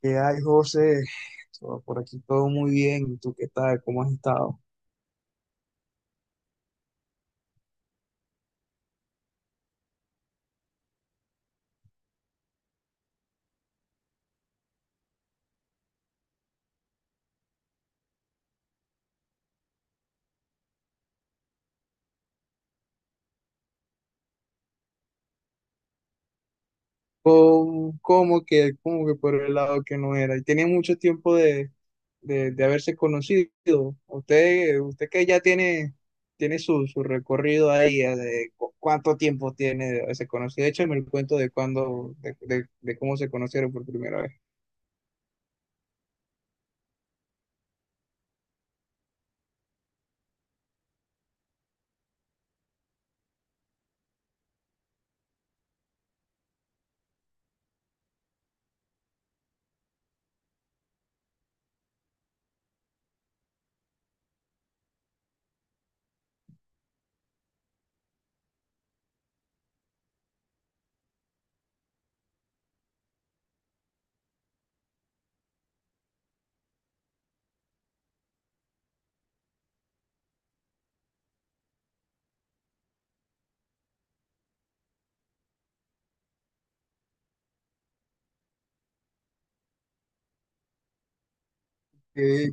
¿Qué hay, José? Todo por aquí todo muy bien. ¿Y tú qué tal? ¿Cómo has estado? ¿Cómo, cómo que por el lado que no era? Y tenía mucho tiempo de, de haberse conocido. Usted que ya tiene, tiene su, su recorrido ahí, de cuánto tiempo tiene de haberse conocido. Échame el cuento de cuándo, de cómo se conocieron por primera vez. ¿Qué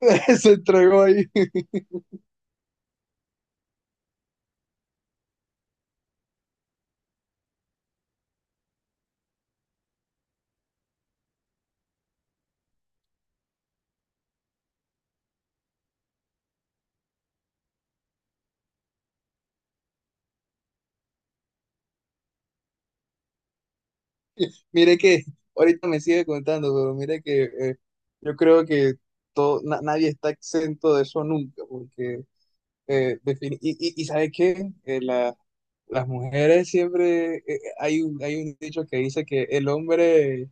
se entregó ahí? Mire que ahorita me sigue contando, pero mire que yo creo que todo, nadie está exento de eso nunca, porque y ¿sabe qué? Las mujeres siempre, hay un dicho que dice que el hombre,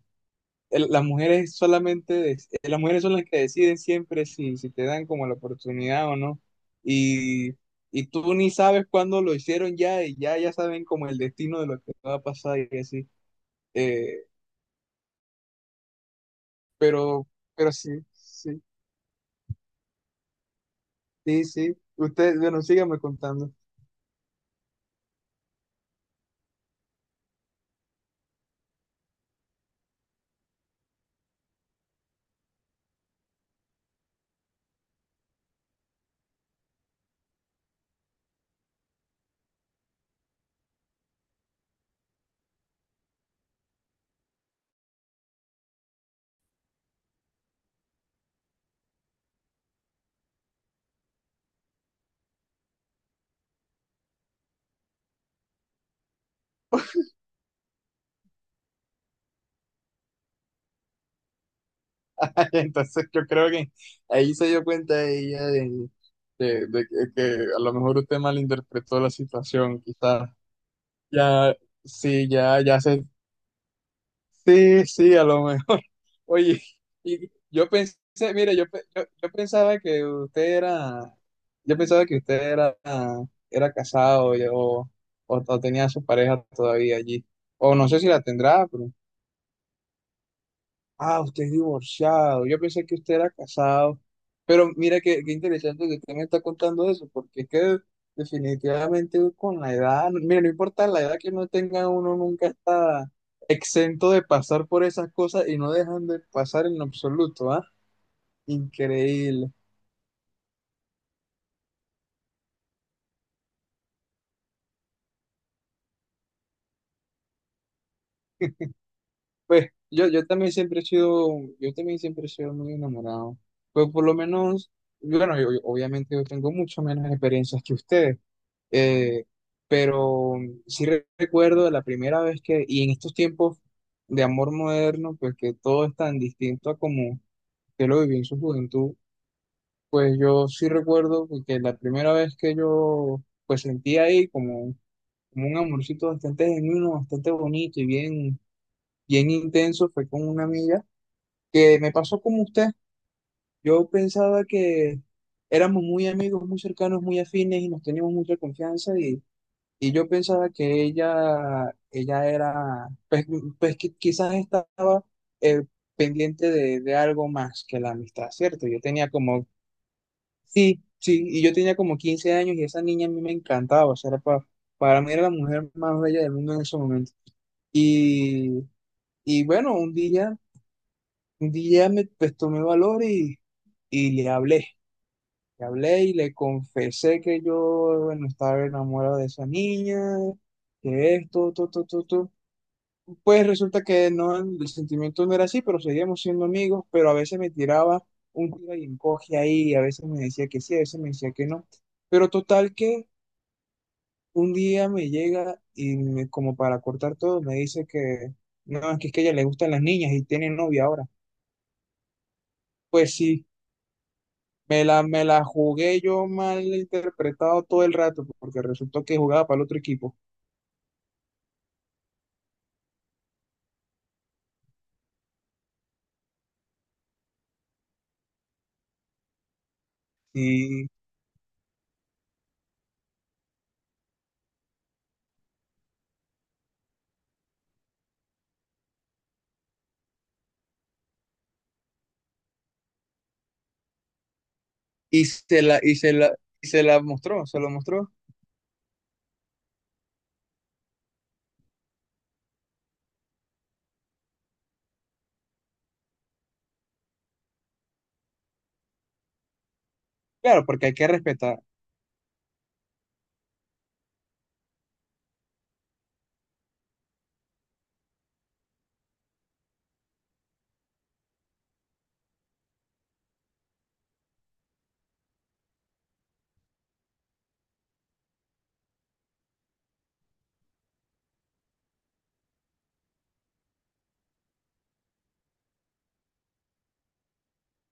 las mujeres solamente, las mujeres son las que deciden siempre si, si te dan como la oportunidad o no, y, y tú ni sabes cuándo lo hicieron ya, y ya, ya saben como el destino de lo que va a pasar y así. Eh, Pero, pero sí, sí, sí, sí. Usted, bueno, sígame contando. Entonces yo creo que ahí se dio cuenta ella de, de que a lo mejor usted malinterpretó la situación, quizás. Ya, sí, ya, ya sé. Sí, sí, a lo mejor. Oye, y yo pensé, mire, yo pensaba que usted era, yo pensaba que usted era, era casado o tenía a su pareja todavía allí. O no sé si la tendrá. Ah, usted es divorciado. Yo pensé que usted era casado. Pero mira qué, qué interesante que usted me está contando eso, porque es que definitivamente con la edad, mira, no importa la edad que uno tenga, uno nunca está exento de pasar por esas cosas y no dejan de pasar en absoluto, ¿ah? Increíble. Pues yo también siempre he sido, yo también siempre he sido muy enamorado. Pues por lo menos, bueno, obviamente yo tengo mucho menos experiencias que ustedes. Eh, pero sí recuerdo la primera vez que, y en estos tiempos de amor moderno, pues que todo es tan distinto a como yo lo viví en su juventud, pues yo sí recuerdo pues, que la primera vez que yo pues sentí ahí como, como un amorcito bastante genuino, bastante bonito y bien, bien intenso, fue con una amiga que me pasó como usted. Yo pensaba que éramos muy amigos, muy cercanos, muy afines y nos teníamos mucha confianza. Y yo pensaba que ella era, pues, pues quizás estaba eh, pendiente de algo más que la amistad, ¿cierto? Yo tenía como, sí, sí, y yo tenía como 15 años y esa niña a mí me encantaba, o sea, era para mí era la mujer más bella del mundo en ese momento. Y, y bueno, un día me, pues, tomé valor y le hablé. Le hablé y le confesé que yo, bueno, estaba enamorado de esa niña, que esto, todo, todo, todo, todo. Pues resulta que no, el sentimiento no era así, pero seguíamos siendo amigos, pero a veces me tiraba un tiro y encoge ahí, a veces me decía que sí, a veces me decía que no. Pero total que un día me llega y como para cortar todo, me dice que no, es que a ella le gustan las niñas y tiene novia ahora. Pues sí. Me la jugué yo mal interpretado todo el rato, porque resultó que jugaba para el otro equipo. Y, y se la, y se la, y se la mostró, se lo mostró. Claro, porque hay que respetar.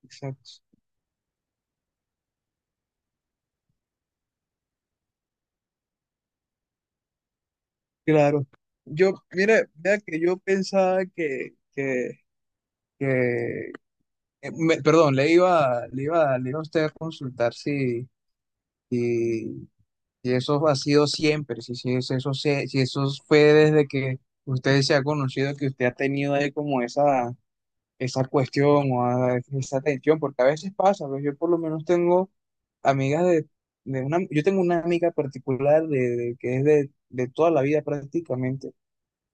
Exacto. Claro. Yo, mira, mira que yo pensaba que me- perdón, le iba a usted a consultar si, si, si eso ha sido siempre, si, si eso fue desde que usted se ha conocido, que usted ha tenido ahí como esa cuestión o a esa atención, porque a veces pasa, pues yo por lo menos tengo amigas de, yo tengo una amiga particular de, que es de toda la vida prácticamente,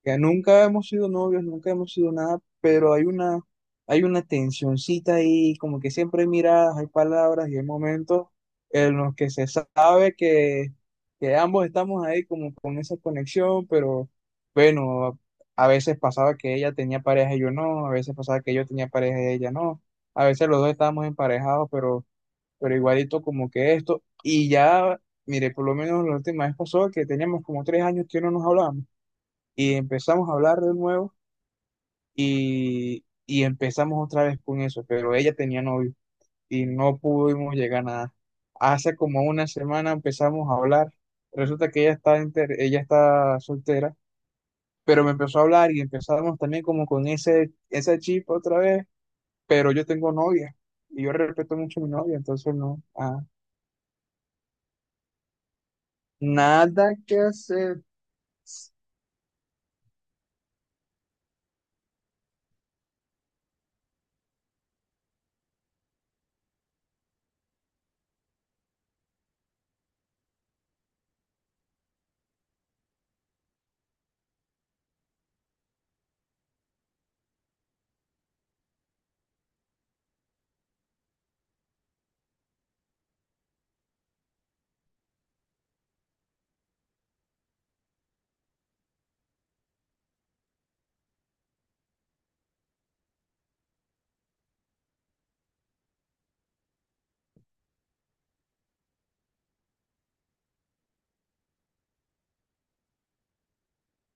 ya nunca hemos sido novios, nunca hemos sido nada, pero hay una tensioncita ahí, como que siempre hay miradas, hay palabras y hay momentos en los que se sabe que ambos estamos ahí como con esa conexión, pero bueno, a veces pasaba que ella tenía pareja y yo no, a veces pasaba que yo tenía pareja y ella no, a veces los dos estábamos emparejados, pero igualito como que esto, y ya, mire, por lo menos la última vez pasó que teníamos como 3 años que no nos hablábamos. Y empezamos a hablar de nuevo y empezamos otra vez con eso, pero ella tenía novio y no pudimos llegar a nada. Hace como una semana empezamos a hablar, resulta que ella está, ella está soltera, pero me empezó a hablar y empezamos también como con ese, ese chip otra vez, pero yo tengo novia y yo respeto mucho a mi novia, entonces no, ah, nada que hacer,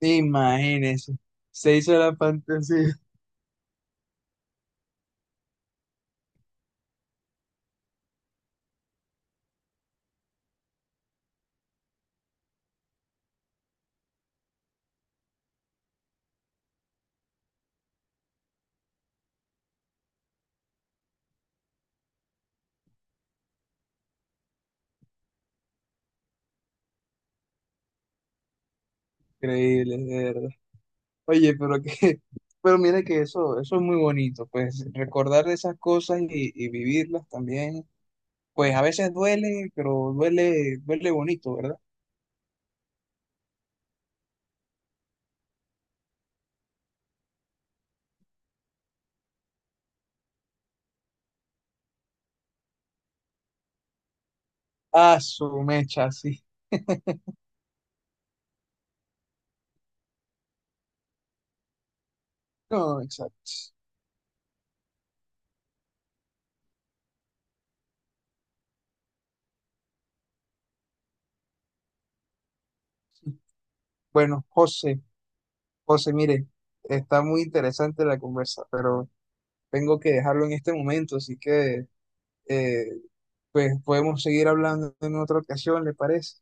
imagínense, se hizo la fantasía. Increíble, de verdad. Oye, pero que, pero mira que eso es muy bonito, pues recordar de esas cosas y vivirlas también, pues a veces duele, pero duele, duele bonito, ¿verdad? Ah, su mecha, sí. No, exacto. Bueno, José, José, mire, está muy interesante la conversa, pero tengo que dejarlo en este momento, así que eh, pues podemos seguir hablando en otra ocasión, ¿le parece?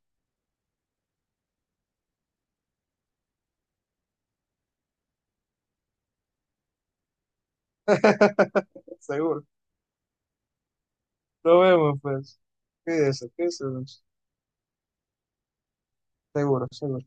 Seguro. Nos vemos, pues. Cuídese, cuídese. Seguro, seguro.